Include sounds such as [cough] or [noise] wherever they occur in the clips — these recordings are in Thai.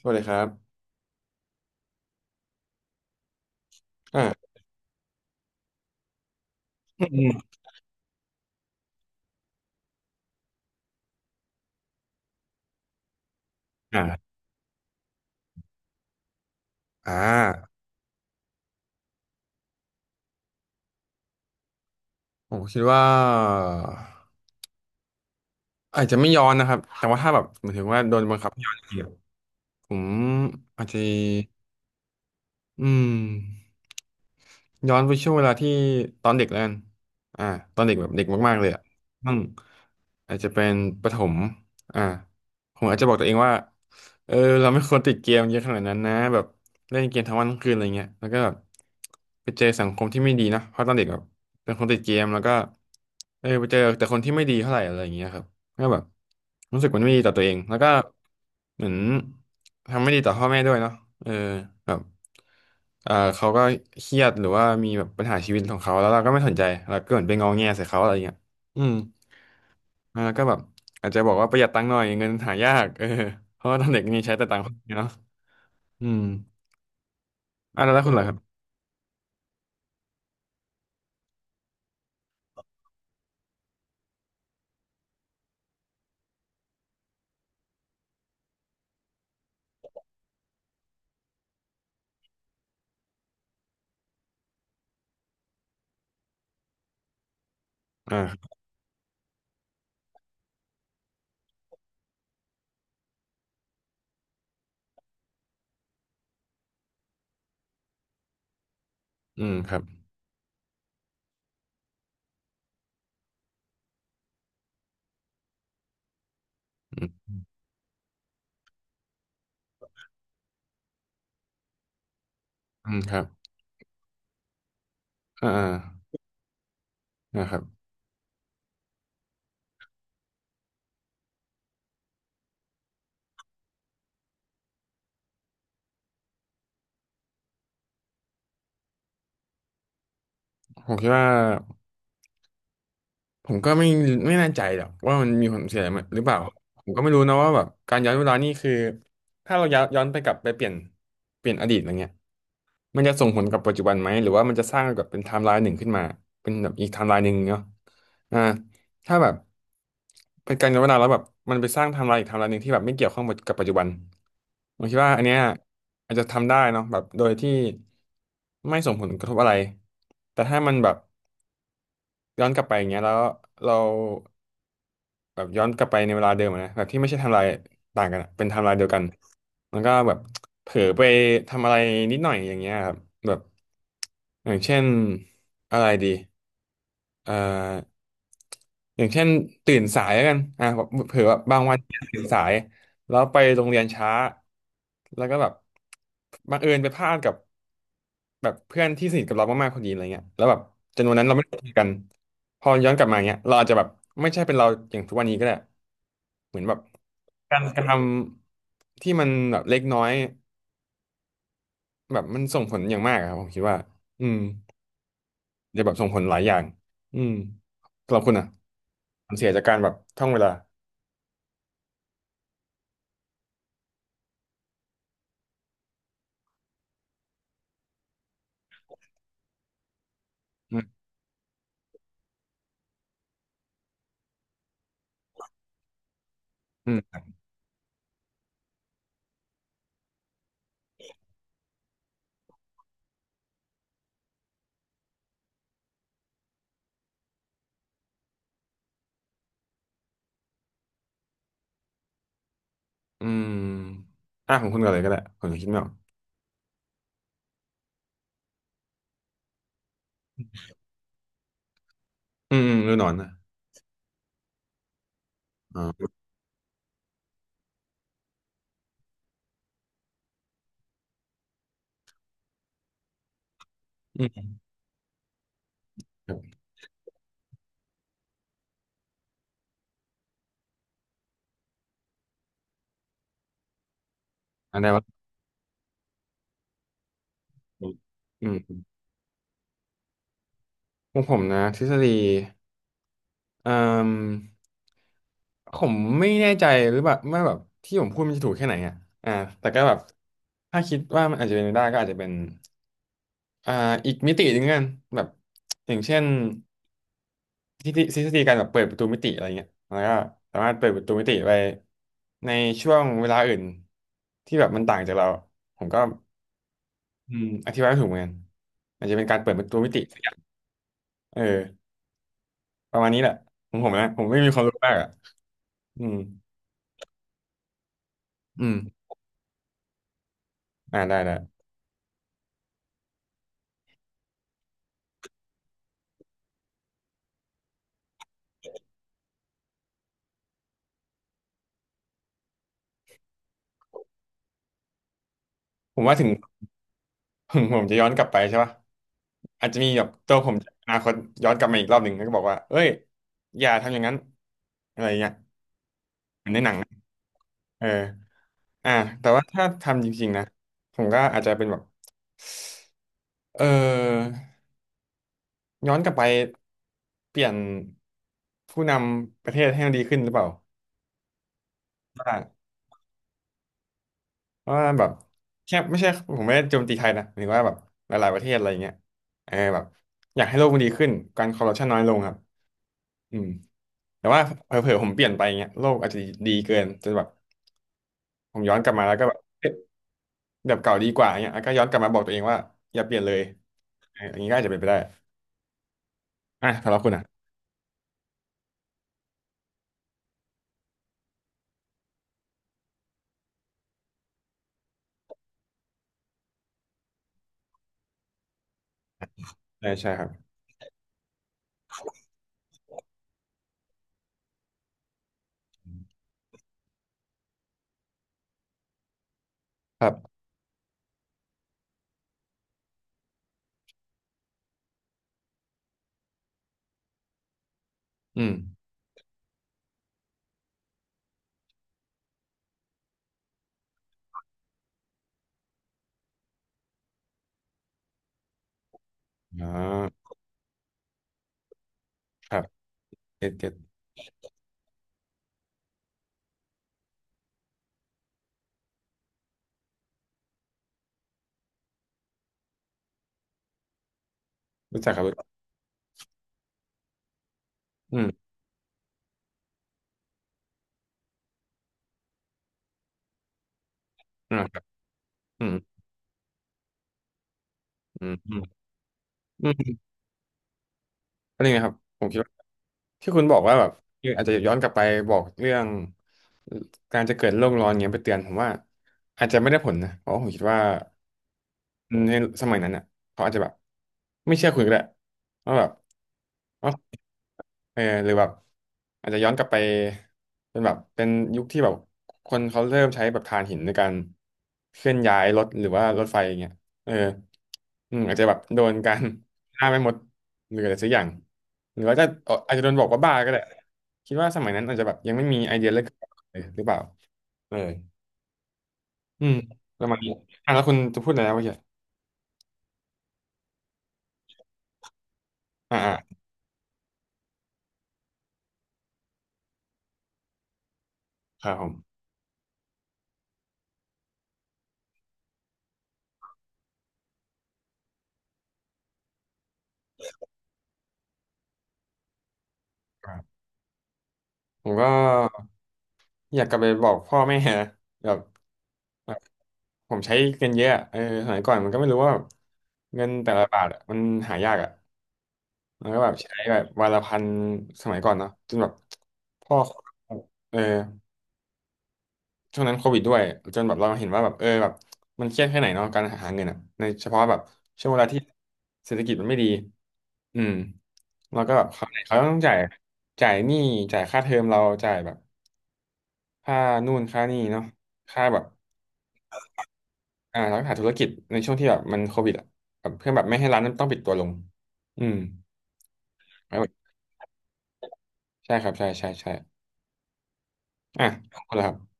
สวัสดีครับอ่าอืมอ่าอ่าผมคิดว่าอาจจะไม่ย้อนนะครับ แต่ว่าถ้าแบบหมายถึงว่าโดนบังคับให้ย้อนจริงๆอะผมอาจจะ อืมย้อนไปช่วงเวลาที่ตอนเด็กแล้วกันอ่าตอนเด็กแบบเด็กมากๆเลยอ่ะอืมอาจจะเป็นประถมอ่าผมอาจจะบอกตัวเองว่าเออเราไม่ควรติดเกมเยอะขนาดนั้นนะแบบเล่นเกมทั้งวันทั้งคืนอะไรเงี้ยแล้วก็แบบไปเจอสังคมที่ไม่ดีนะเพราะตอนเด็กแบบเป็นคนติดเกมแล้วก็เออไปเจอแต่คนที่ไม่ดีเท่าไหร่อะไรอย่างเงี้ยครับ ก็แบบรู้สึกมันไม่ดีต่อตัวเองแล้วก็เหมือนทำไม่ดีต่อพ่อแม่ด้วยเนาะเออแบบเออเขาก็เครียดหรือว่ามีแบบปัญหาชีวิตของเขาแล้วเราก็ไม่สนใจเราก็เหมือนไปงอแงใส่เขาอะไรเงี้ยอืมแล้วก็แบบอาจจะบอกว่าประหยัดตังค์หน่อยเงินหายากเออเพราะว่าตอนเด็กนี่ใช้แต่ตังค์นีเนาะอืมอ่ะแล้วคุณล่ะครับอ่าอืมครับอืมอืมครับอ่าอ่านะครับผมคิดว่า ผมก็ไม่แน่ใจหรอกว่ามันมีผลเสียหรือเปล่าผมก็ไม่รู้นะว่าแบบการย้อนเวลานี่คือถ้าเราย้อนไปกลับไปเปลี่ยนอดีตอะไรเงี้ยมันจะส่งผลกับปัจจุบันไหมหรือว่ามันจะสร้างแบบเป็นไทม์ไลน์หนึ่งขึ้นมาเป็นแบบอีกไทม์ไลน์หนึ่งเนาะอ่าถ้าแบบเป็นการย้อนเวลาแล้วแบบมันไปสร้างไทม์ไลน์อีกไทม์ไลน์หนึ่งที่แบบไม่เกี่ยวข้องกับปัจจุบันผมคิดว่าอันเนี้ยอาจจะทำได้เนาะแบบโดยที่ไม่ส่งผลกระทบอะไรแต่ถ้ามันแบบย้อนกลับไปอย่างเงี้ยแล้วเรา แบบย้อนกลับไปในเวลาเดิมอะนะแบบที่ไม่ใช่ไทำลายต่างกันอะเป็นไทำลายเดียวกันแล้วก็แบบเผลอไปทำอะไรนิดหน่อยอย่างเงี้ยครับแบบอย่างเช่นอะไรดีเอ่ออย่างเช่นตื่นสายแล้วกันอ่ะเผื่อว่าบางวันตื่นสายแล้วไปโรงเรียนช้าแล้วก็แบบบังเอิญไปพลาดกับ แบบเพื่อนที่สนิทกับเรามากๆคนนี้อะไรเงี้ยแล้วแบบจำนวนนั้นเราไม่ได้คุยกันพอย้อนกลับมาเงี้ยเราอาจจะแบบไม่ใช่เป็นเราอย่างทุกวันนี้ก็ได้เหมือนแบบการกระทำที่มันแบบเล็กน้อยแบบมันส่งผลอย่างมากอะครับผมคิดว่าอืมจะแบบส่งผลหลายอย่างอืมสำหรับคุณอ่ะความเสียจากการแบบท่องเวลาอืมอืมอืมอ่ะของคุณก่อนเลยก็ได้ผมยังคิดไม่ออกอืมอืมฤดูหนอนนะอ๋ออืมครับอันไหนวะอืมของผมนะทฤษฎี อ่ามผมไม่แน่ใจหรือแบบว่าแบบที่ผมพูดมันจะถูกแค่ไหนอ่ะอ่าแต่ก็แบบถ้าคิดว่ามันอาจจะเป็นไปได้ก็อาจจะเป็นอ่าอีกมิติหนึ่งกันแบบอย่างเช่นที่ที่ทฤษฎีการแบบเปิดประตูมิติอะไรเงี้ยแล้วก็สามารถเปิดประตูมิติไปในช่วงเวลาอื่นที่แบบมันต่างจากเราผมก็อธิบายไม่ถูกเหมือนกันอาจจะเป็นการเปิดประตูมิติเออประมาณนี้แหละของผมนะผมไม่มีความรู้มากอ่ะอืมอืมอ่าได้ได้ผมว่าถึง [laughs] ผมจะย้อนกลับไปใช่ปะอาจจะมีแบบตัวผมอนาคตย้อนกลับมาอีกรอบหนึ่งแล้วก็บอกว่าเอ้ยอย่าทำอย่างนั้นอะไรเงี้ยเหมือนในหนังนะเอออ่ะแต่ว่าถ้าทำจริงๆนะผมก็อาจจะเป็นแบบเออย้อนกลับไปเปลี่ยนผู้นำประเทศให้มันดีขึ้นหรือเปล่าว่าว่าแบบแค่ไม่ใช่ผมไม่ได้โจมตีใครนะหรือว่าแบบหลายๆประเทศอะไรอย่างเงี้ยเออแบบอยากให้โลกมันดีขึ้นการคอร์รัปชันน้อยลงครับอืม แต่ว่าเผลอๆผมเปลี่ยนไปเงี้ยโลกอาจจะดีเกินจนแบบผมย้อนกลับมาแล้วก็แบบเอ๊ะแบบเก่าดีกว่าเงี้ยแล้วก็ย้อนกลับมาบอกตัวเองว่าอย่าเปลี่ยนเลยเอออย่างนี้ก็อาจจะเป็นไปได้อ่ะสำหรับคุณอ่ะใช่ใช่ครับครับอืมอ๋อครับเจ็ดเจ็ดรู้จักครับรู้จักอืมอ่าครับอืมอืมอืมอืมก็นี่นะครับผมคิดว่าที่คุณบอกว่าแบบอออาจจะย้อนกลับไปบอกเรื่องการจะเกิดโลกร้อนเงี้ยไปเตือนผมว่าอาจจะไม่ได้ผลนะเพราะผมคิดว่า อืมในสมัยนั้นอ่ะเขาอาจจะแบบไม่เชื่อคุณก็ได้ว่าแบบว่าเออหรือแบบอาจจะย้อนกลับไปเป็นแบบเป็นยุคที่แบบคนเขาเริ่มใช้แบบถ่านหินในการเคลื่อนย้ายรถหรือว่ารถไฟอย่างเงี้ยเอออืมอาจจะแบบโดนการ [laughs] ฆ่าไม่หมดหรืออะไรสักอย่างหรือว่าจะเอาอาจจะโดนบอกว่าบ้าก็ได้คิดว่าสมัยนั้นอาจจะแบบยังไม่มีไอเดียเรื่องเลยหรือเปล่าเอออืมประมาณนี้อ่ะแล้วคุณจะพูดอะไรนะเมื่อกี้อ่าอ่าครับผม ครับผมก็อยากกลับไปบอกพ่อแม่นะแบบแบบผมใช้เงินเยอะอะเออสมัยก่อนมันก็ไม่รู้ว่าเงินแต่ละบาทอะมันหายากอ่ะมันก็แบบใช้แบบวันละพันสมัยก่อนเนาะจนแบบพ่อเออช่วงนั้นโควิดด้วยจนแบบเราเห็นว่าแบบเออแบบมันเครียดแค่ไหนเนาะการหาเงินอ่ะในเฉพาะแบบช่วงเวลาที่เศรษฐกิจมันไม่ดีอืมเราก็แบบเขาวไหนเขาต้องจ่ายจ่ายหนี้จ่ายค่าเทอมเราจ่ายแบบค่านู่นค่านี่เนาะค่าแบบ อ่าร้านขายธุรกิจในช่วงที่แบบมันโควิดอ่ะแบบเพื่อแบบไม่ให้ร้านนั้นต้องปิดตัวลงอืมไม่ไหวใช่ครับใช่ใช่ใช่อ่ะขอบคุณครับ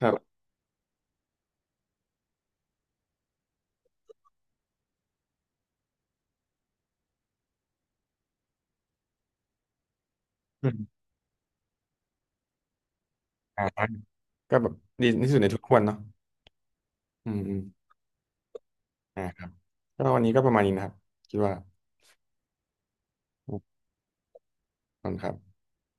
ครับอืมอ่าก็แบบดีที่สุดในทุกวันเนาะอืมอืมอ่าครับก็วันนี้ก็ประมาณนี้นะครับคิดว่าขอบคุณครับ